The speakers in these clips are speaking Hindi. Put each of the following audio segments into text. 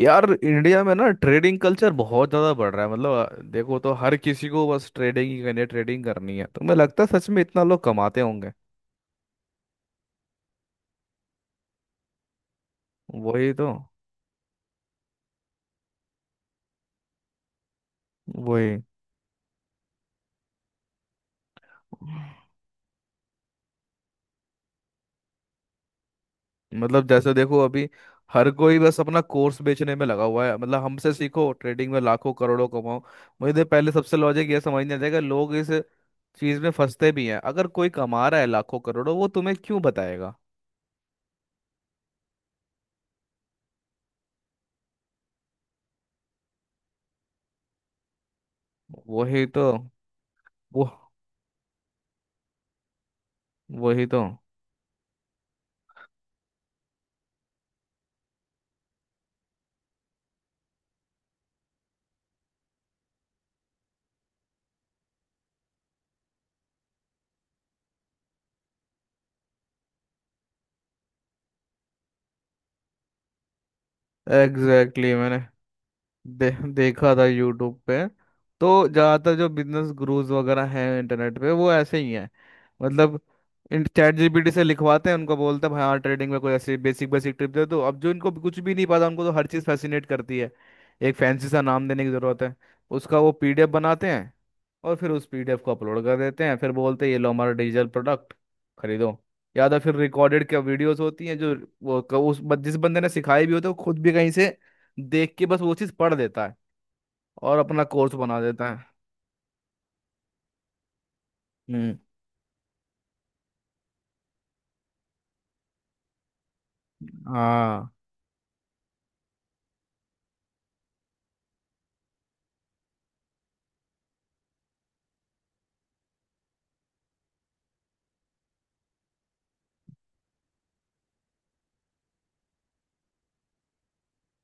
यार इंडिया में ना ट्रेडिंग कल्चर बहुत ज़्यादा बढ़ रहा है। मतलब देखो, तो हर किसी को बस ट्रेडिंग ही करनी है। ट्रेडिंग करनी है तो मुझे लगता है सच में इतना लोग कमाते होंगे। वही तो। वही। मतलब जैसे देखो अभी हर कोई बस अपना कोर्स बेचने में लगा हुआ है। मतलब हमसे सीखो ट्रेडिंग में लाखों करोड़ों कमाओ। मुझे तो पहले सबसे लॉजिक ये समझ नहीं आता कि लोग इस चीज़ में फंसते भी हैं। अगर कोई कमा रहा है लाखों करोड़ों वो तुम्हें क्यों बताएगा। वही तो। वो। वही तो। Exactly exactly। देखा था यूट्यूब पे। तो ज़्यादातर जो बिजनेस गुरुज वगैरह हैं इंटरनेट पे वो ऐसे ही हैं। मतलब चैट जीपीटी से लिखवाते हैं उनको, बोलते हैं भाई हाँ ट्रेडिंग में कोई ऐसी बेसिक बेसिक टिप दे। तो अब जो इनको कुछ भी नहीं पता उनको तो हर चीज़ फैसिनेट करती है। एक फैंसी सा नाम देने की ज़रूरत है। उसका वो पीडीएफ बनाते हैं और फिर उस पीडीएफ को अपलोड कर देते हैं। फिर बोलते हैं ये लो हमारा डिजिटल प्रोडक्ट, खरीदो। या तो फिर रिकॉर्डेड क्या वीडियोस होती हैं जो वो क- उस बन- जिस बंदे ने सिखाई भी होती है वो खुद भी कहीं से देख के बस वो चीज़ पढ़ देता है और अपना कोर्स बना देता है। हम्म। हाँ।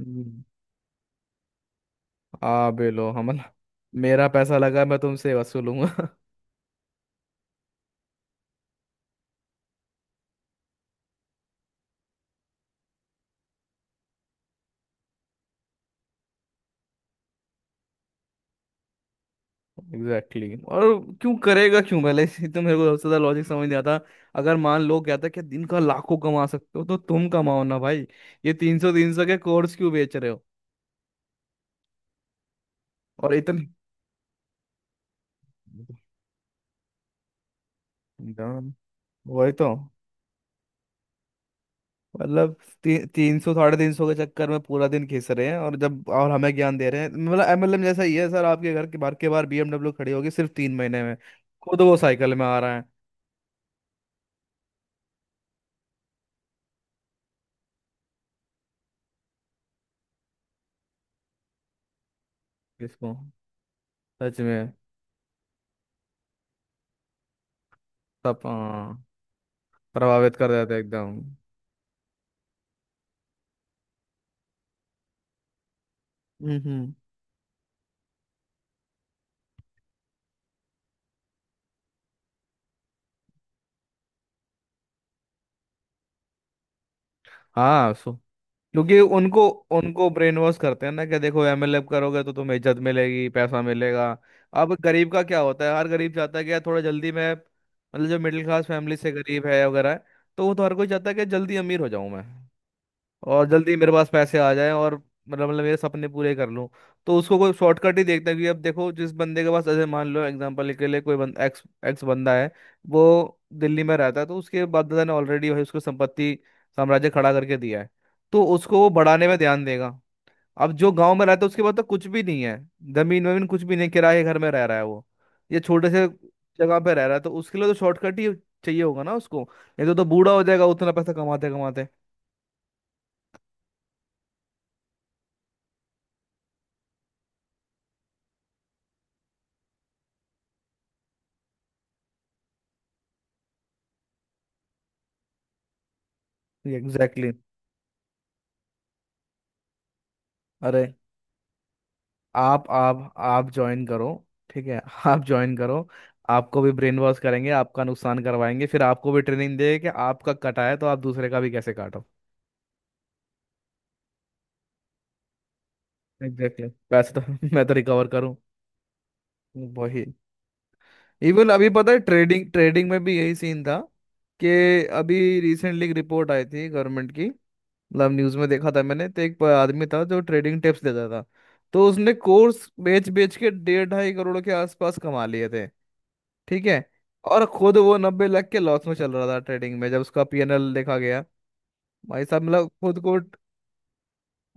हम्म। आ बेलो हमला। मेरा पैसा लगा मैं तुमसे वसूलूंगा। Exactly exactly। और क्यों करेगा, क्यों? पहले इसी तो मेरे को सबसे ज्यादा लॉजिक समझ नहीं आता। अगर मान लो क्या था कि दिन का लाखों कमा सकते हो तो तुम कमाओ ना भाई। ये 300 300 के कोर्स क्यों बेच रहे हो? और इतने दाम, वही तो। मतलब 300 साढ़े 300 के चक्कर में पूरा दिन घिस रहे हैं और जब और हमें ज्ञान दे रहे हैं। मतलब एमएलएम जैसा ही है। सर आपके घर के बाहर बीएमडब्ल्यू खड़ी होगी सिर्फ 3 महीने में। खुद वो साइकिल में आ रहा है। इसको सच में सब हाँ, प्रभावित कर देते हैं एकदम। हम्म। हाँ सो क्योंकि उनको उनको ब्रेन वॉश करते हैं ना कि देखो एमएलए करोगे तो तुम्हें इज्जत मिलेगी पैसा मिलेगा। अब गरीब का क्या होता है? हर गरीब चाहता है कि यार थोड़ा जल्दी मैं, मतलब जो मिडिल क्लास फैमिली से गरीब है वगैरह, तो वो तो हर कोई चाहता है कि जल्दी अमीर हो जाऊं मैं और जल्दी मेरे पास पैसे आ जाएं, और मतलब मेरे सपने पूरे कर लूं। तो उसको कोई शॉर्टकट ही देखता है क्योंकि अब देखो जिस बंदे के पास, जैसे मान लो एग्जांपल के लिए, कोई बंदा एक्स एक्स बंदा है वो दिल्ली में रहता है तो उसके बापदादा ने ऑलरेडी भाई उसको संपत्ति साम्राज्य खड़ा करके दिया है। तो उसको वो बढ़ाने में ध्यान देगा। अब जो गांव में रहता है उसके पास तो कुछ भी नहीं है। जमीन वमीन कुछ भी नहीं, किराए के घर में रह रहा है वो। ये छोटे से जगह पे रह रहा है तो उसके लिए तो शॉर्टकट ही चाहिए होगा ना उसको, नहीं तो बूढ़ा हो जाएगा उतना पैसा कमाते कमाते। Exactly exactly। अरे आप ज्वाइन करो, ठीक है आप ज्वाइन करो। आपको भी ब्रेन वॉश करेंगे, आपका नुकसान करवाएंगे, फिर आपको भी ट्रेनिंग देंगे कि आपका कटा है तो आप दूसरे का भी कैसे काटो। Exactly exactly। पैसे तो मैं तो रिकवर करूं। वही। इवन अभी पता है ट्रेडिंग ट्रेडिंग में भी यही सीन था, कि अभी रिसेंटली एक रिपोर्ट आई थी गवर्नमेंट की। मतलब न्यूज़ में देखा था मैंने। तो एक आदमी था जो ट्रेडिंग टिप्स देता था। तो उसने कोर्स बेच बेच के 1.5 2.5 करोड़ के आसपास कमा लिए थे, ठीक है। और खुद वो 90 लाख के लॉस में चल रहा था ट्रेडिंग में जब उसका पीएनएल देखा गया। भाई साहब, मतलब खुद को,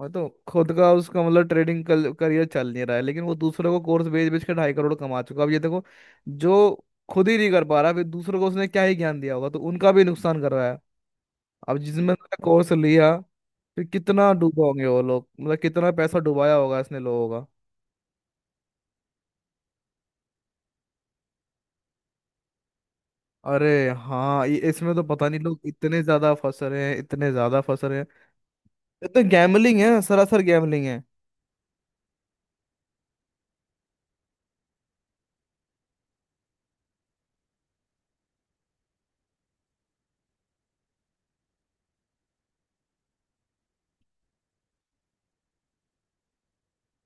मैं तो खुद का उसका मतलब ट्रेडिंग करियर चल नहीं रहा है लेकिन वो दूसरों को कोर्स बेच बेच के 2.5 करोड़ कमा चुका है। अब ये देखो, जो खुद ही नहीं कर पा रहा फिर दूसरों को उसने क्या ही ज्ञान दिया होगा, तो उनका भी नुकसान कर रहा है। अब जिसमें कोर्स लिया फिर कितना डूबा होंगे वो लोग, मतलब कितना पैसा डुबाया होगा इसने लोगों का। अरे हाँ, ये इसमें तो पता नहीं लोग इतने ज्यादा फंस रहे हैं, इतने ज्यादा फंस रहे हैं। ये तो गैम्बलिंग है, सरासर गैम्बलिंग है।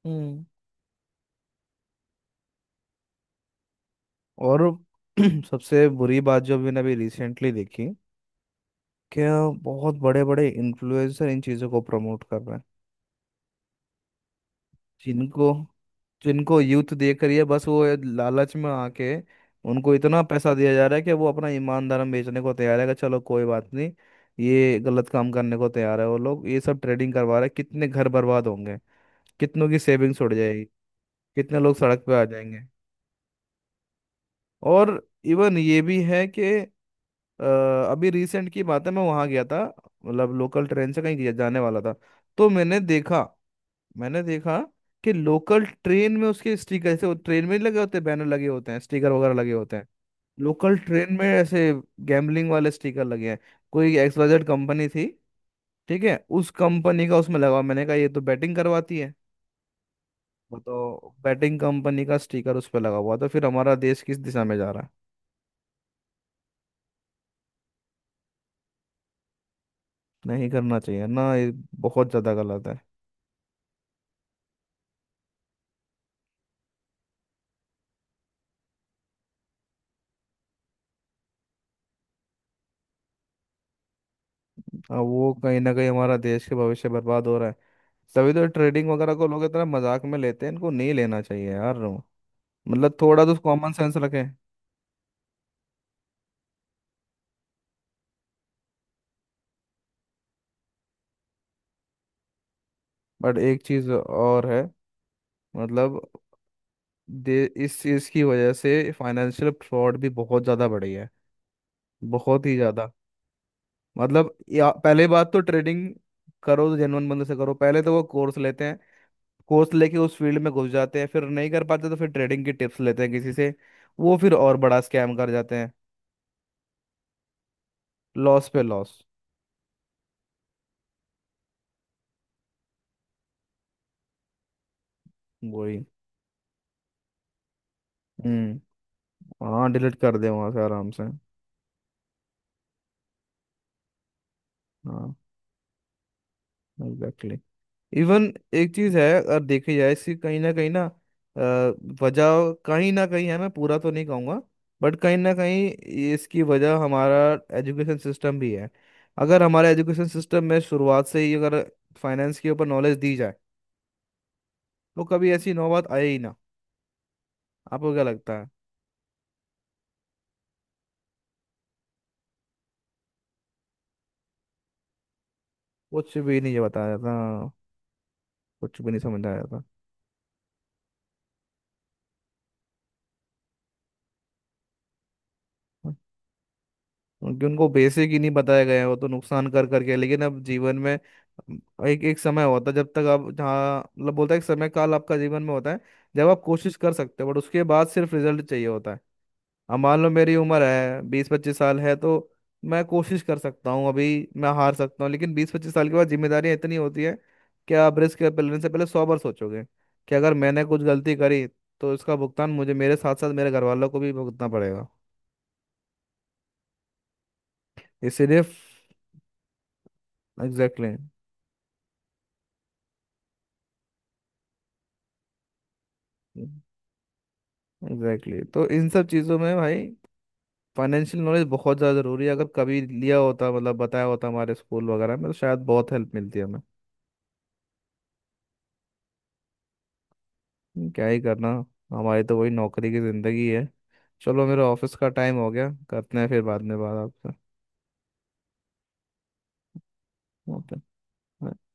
हम्म। और सबसे बुरी बात जो मैंने अभी रिसेंटली देखी कि बहुत बड़े बड़े इन्फ्लुएंसर इन चीज़ों को प्रमोट कर रहे हैं। जिनको जिनको यूथ देख रही है बस, वो ये लालच में आके, उनको इतना पैसा दिया जा रहा है कि वो अपना ईमान धर्म बेचने को तैयार है। कि चलो कोई बात नहीं, ये गलत काम करने को तैयार है। वो लोग ये सब ट्रेडिंग करवा रहे हैं, कितने घर बर्बाद होंगे, कितनों की सेविंग्स उड़ जाएगी, कितने लोग सड़क पे आ जाएंगे। और इवन ये भी है कि अ, अभी रिसेंट की बात है, मैं वहाँ गया था, मतलब लोकल ट्रेन से कहीं जाने वाला था। तो मैंने देखा कि लोकल ट्रेन में उसके स्टिकर, ऐसे ट्रेन में नहीं लगे होते बैनर लगे होते हैं, स्टिकर वगैरह लगे होते हैं। लोकल ट्रेन में ऐसे गैम्बलिंग वाले स्टिकर लगे हैं। कोई एक्सवाइजेड कंपनी थी, ठीक है, उस कंपनी का उसमें लगा हुआ। मैंने कहा ये तो बैटिंग करवाती है। वो तो बैटिंग कंपनी का स्टिकर उस पर लगा हुआ, तो फिर हमारा देश किस दिशा में जा रहा है। नहीं करना चाहिए ना ये, बहुत ज्यादा गलत है। अब वो कहीं ना कहीं हमारा देश के भविष्य बर्बाद हो रहा है। तभी तो ट्रेडिंग वगैरह को लोग इतना मजाक में लेते हैं, इनको नहीं लेना चाहिए यार। मतलब थोड़ा तो कॉमन सेंस रखें। बट एक चीज और है, मतलब दे इस चीज की वजह से फाइनेंशियल फ्रॉड भी बहुत ज्यादा बढ़ी है, बहुत ही ज्यादा। मतलब या पहले बात तो ट्रेडिंग करो तो जेनुअन बंदे से करो। पहले तो वो कोर्स लेते हैं, कोर्स लेके उस फील्ड में घुस जाते हैं, फिर नहीं कर पाते तो फिर ट्रेडिंग की टिप्स लेते हैं किसी से। वो फिर और बड़ा स्कैम कर जाते हैं, लॉस पे लॉस। वही। हम्म। हाँ, डिलीट कर दे वहां से आराम से। हाँ एग्जैक्टली। इवन एक चीज है, अगर देखी जाए इसकी कहीं ना कहीं ना, अ, वजह कहीं ना कहीं है, मैं पूरा तो नहीं कहूंगा बट कहीं ना कहीं इसकी वजह हमारा एजुकेशन सिस्टम भी है। अगर हमारे एजुकेशन सिस्टम में शुरुआत से ही अगर फाइनेंस के ऊपर नॉलेज दी जाए तो कभी ऐसी नौबत आए ही ना। आपको क्या लगता है? कुछ भी नहीं ये बताया जाता, कुछ भी नहीं समझाया जाता क्योंकि उनको बेसिक ही नहीं बताया गया है, वो तो नुकसान कर करके, लेकिन अब जीवन में एक एक समय होता है जब तक आप जहाँ मतलब बोलता है एक समय काल आपका जीवन में होता है जब आप कोशिश कर सकते हो। बट उसके बाद सिर्फ रिजल्ट चाहिए होता है। अब मान लो मेरी उम्र है 20-25 साल है, तो मैं कोशिश कर सकता हूँ अभी, मैं हार सकता हूँ, लेकिन 20-25 साल के बाद जिम्मेदारियाँ इतनी होती है कि आप रिस्क लेने से पहले 100 बार सोचोगे कि अगर मैंने कुछ गलती करी तो इसका भुगतान मुझे मेरे साथ साथ मेरे घर वालों को भी भुगतना पड़ेगा। इसीलिए एग्जैक्टली एग्जैक्टली exactly। तो इन सब चीज़ों में भाई फाइनेंशियल नॉलेज बहुत ज़्यादा ज़रूरी है। अगर कभी लिया होता मतलब बताया होता हमारे स्कूल वगैरह में तो शायद बहुत हेल्प मिलती है हमें। क्या ही करना। हमारी तो वही नौकरी की ज़िंदगी है। चलो मेरा ऑफिस का टाइम हो गया, करते हैं फिर बाद में बात आपसे। ओके।